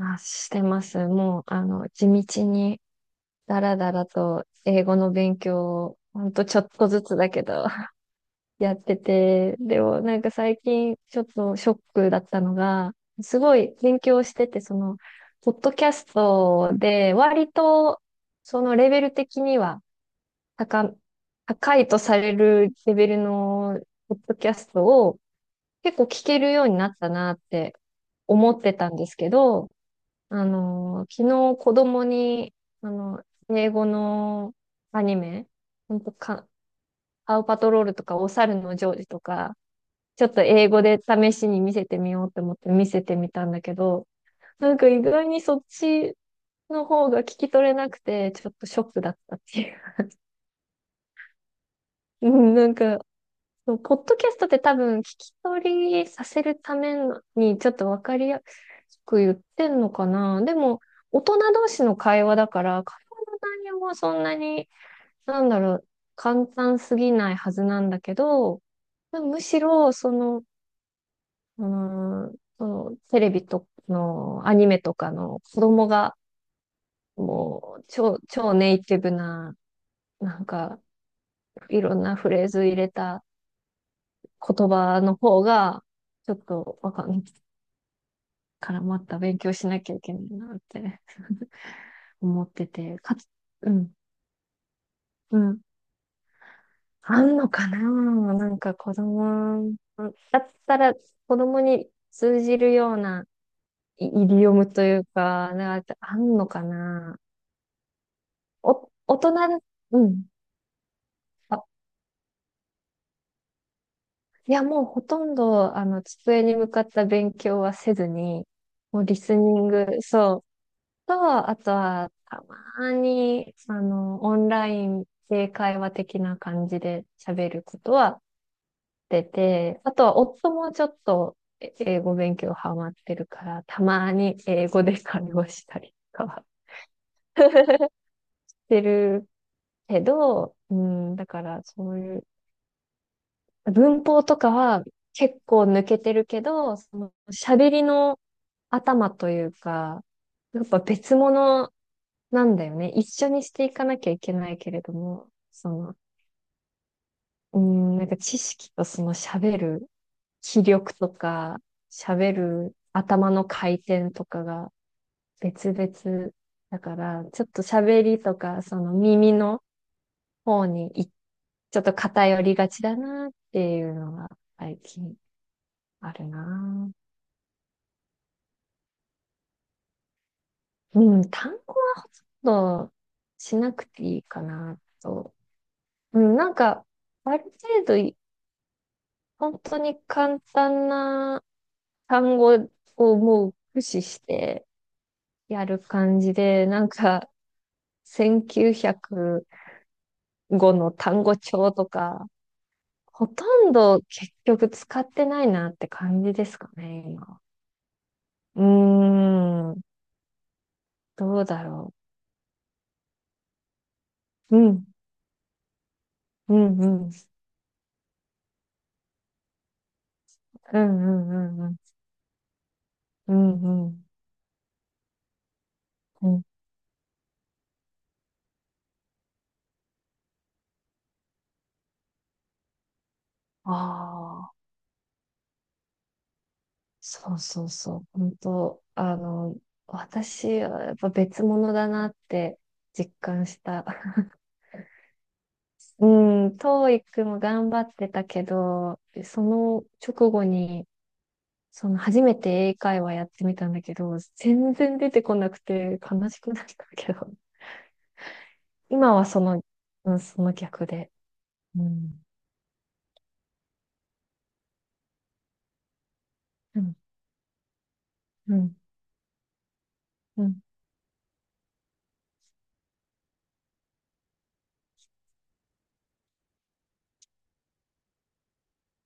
あ、してます。もう、地道に、だらだらと、英語の勉強を、ほんとちょっとずつだけど、やってて、でも、なんか最近、ちょっとショックだったのが、すごい勉強してて、ポッドキャストで、割と、そのレベル的には、高、高いとされるレベルの、ポッドキャストを、結構聞けるようになったなって思ってたんですけど、昨日子供に、あの、英語のアニメ、ほんとか、パウパトロールとか、お猿のジョージとか、ちょっと英語で試しに見せてみようと思って見せてみたんだけど、なんか意外にそっちの方が聞き取れなくて、ちょっとショックだったっていう。うんなんか、そうポッドキャストって多分聞き取りさせるためにちょっとわかりやすく言ってんのかな。でも、大人同士の会話だから、会話の内容はそんなに、なんだろう、簡単すぎないはずなんだけど、むしろ、うーそのテレビとのアニメとかの子供が、もう超、超ネイティブな、なんか、いろんなフレーズ入れた言葉の方が、ちょっとわかんない。からまた勉強しなきゃいけないなって 思ってて、かつ、うん、うん。あんのかななんか子供、だったら子供に通じるようなイディオムというか、なんかあんのかな大人、うん。あ、いや、もうほとんど、机に向かった勉強はせずに、もうリスニング、そう、と、あとは、たまに、オンラインで会話的な感じで喋ることは出て、あとは、夫もちょっと英語勉強ハマってるから、たまに英語で会話したりとかはしてるけど、うん、だから、そういう、文法とかは結構抜けてるけど、喋りの頭というか、やっぱ別物なんだよね。一緒にしていかなきゃいけないけれども、なんか知識とその喋る気力とか、喋る頭の回転とかが別々だから、ちょっと喋りとか、その耳の方にちょっと偏りがちだなっていうのが最近あるな。うん、単語などしなくていいかなと。うん、なんか、ある程度本当に簡単な単語をもう駆使してやる感じで、なんか1905の単語帳とか、ほとんど結局使ってないなって感じですかね、今。うーん、どうだろう。うん、うん、うん、うん、うん、うん、うん、うん、うん。ああ。そうそうそう。本当、私はやっぱ別物だなって実感した。うん、トーイックも頑張ってたけど、その直後に、その初めて英会話やってみたんだけど、全然出てこなくて悲しくなったけど、今はうん、その逆で。うん、うん、うん、うん。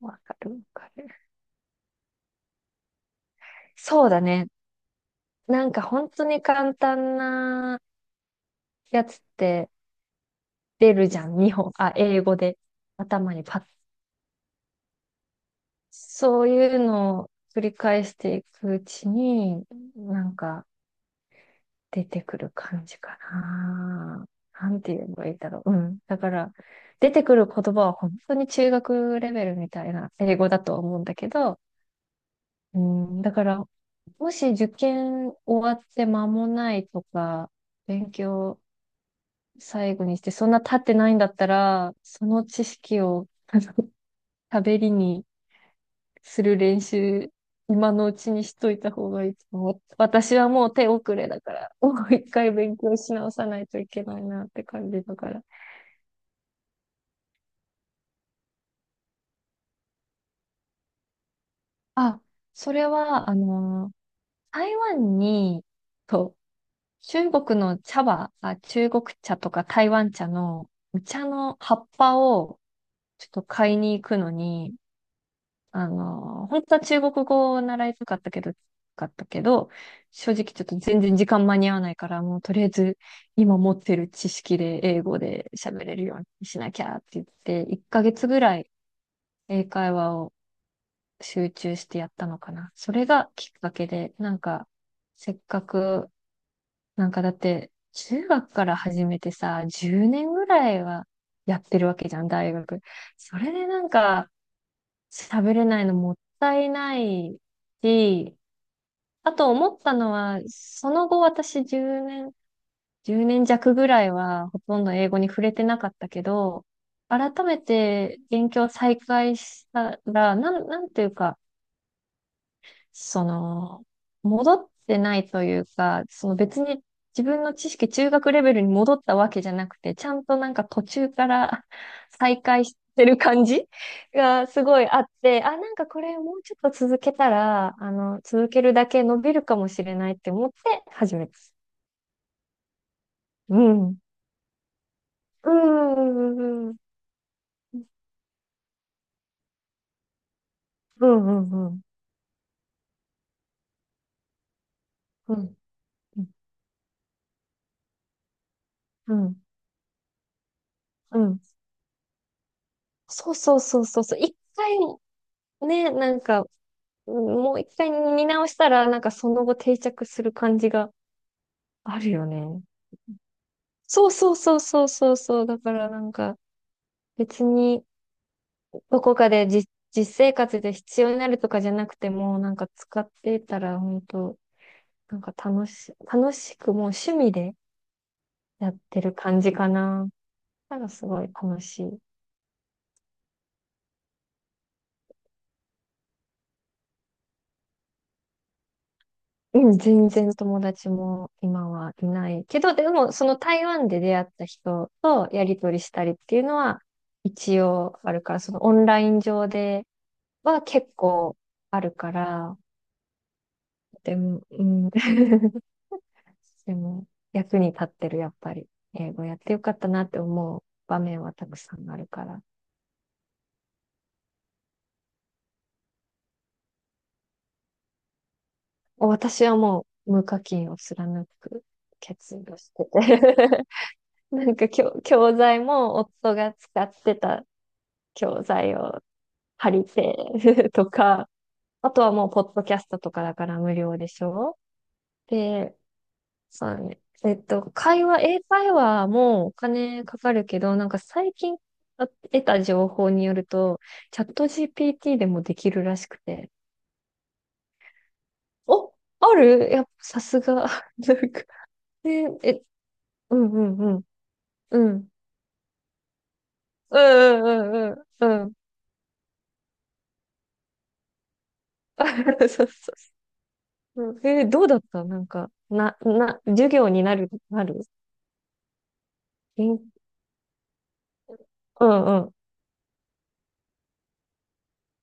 わかる、わかる。そうだね。なんか本当に簡単なやつって、出るじゃん、日本、あ、英語で頭にパッ。そういうのを繰り返していくうちに、なんか出てくる感じかな。なんて言えばいいだろう。うん。だから、出てくる言葉は本当に中学レベルみたいな英語だと思うんだけど、うん、だから、もし受験終わって間もないとか、勉強最後にして、そんな経ってないんだったら、その知識を、あの喋りにする練習、今のうちにしといた方がいいと思う。私はもう手遅れだから、もう一回勉強し直さないといけないなって感じだから。あ、それは、台湾に、と、中国茶とか台湾茶のお茶の葉っぱをちょっと買いに行くのに、本当は中国語を習いたかったけど、正直ちょっと全然時間間に合わないから、もうとりあえず今持ってる知識で英語で喋れるようにしなきゃって言って、1ヶ月ぐらい英会話を集中してやったのかな。それがきっかけで、なんか、せっかく、なんかだって、中学から始めてさ、10年ぐらいはやってるわけじゃん、大学。それでなんか、喋れないのもったいないし、あと思ったのは、その後私10年、1年弱ぐらいはほとんど英語に触れてなかったけど、改めて勉強再開したら、なんていうか、その、戻ってないというか、別に自分の知識中学レベルに戻ったわけじゃなくて、ちゃんとなんか途中から再開してる感じがすごいあって、あ、なんかこれもうちょっと続けたら、続けるだけ伸びるかもしれないって思って始めた。うん。うん。うん。うん。うん。うん。うん。うん。そうそうそうそうそう。一回ね、なんかもう一回見直したら、なんかその後定着する感じがあるよね。そうそうそうそうそうそう。だからなんか別にどこかで実生活で必要になるとかじゃなくても、なんか使ってたら本当なんか楽しくもう趣味でやってる感じかな。だからすごい楽しい。うん、全然友達も今はいないけど、でもその台湾で出会った人とやりとりしたりっていうのは一応あるから、そのオンライン上では結構あるから、でも、うん、でも役に立ってる、やっぱり。英語やってよかったなって思う場面はたくさんあるから。私はもう無課金を貫く決意をしてて なんか教材も夫が使ってた教材を借りて とか、あとはもうポッドキャストとかだから無料でしょで、そうだね。英会話もお金かかるけど、なんか最近得た情報によると、チャット GPT でもできるらしくて。お、あるやっぱさすが。なんか、え、え、うんうんうん。うん。うんうんうんうんうん。そうそうそう。どうだったなんか、授業になる勉うんうん。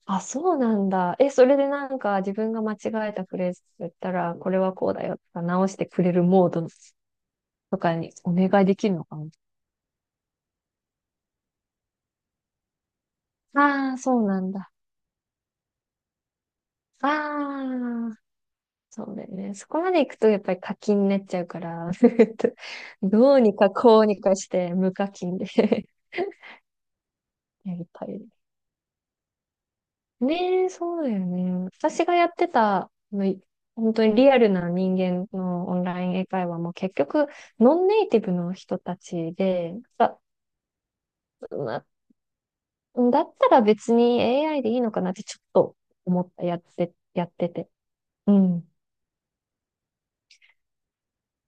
あ、そうなんだ。え、それでなんか自分が間違えたフレーズ言ったら、これはこうだよとか直してくれるモードとかにお願いできるのかな。ああー、そうなんだ。ああ、そうだよね。そこまで行くとやっぱり課金になっちゃうから、どうにかこうにかして無課金で やりたい。ねえ、そうだよね。私がやってた、あのい本当にリアルな人間のオンライン英会話も結局、ノンネイティブの人たちで、なだったら別に AI でいいのかなってちょっと思った、やってて。うん。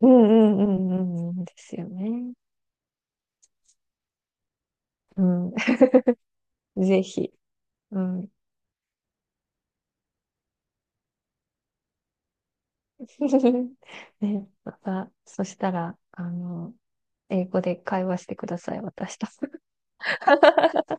うんうんうんうんうんですよね。うん。ぜひ。うん。ね、また、そしたら、英語で会話してください、私と。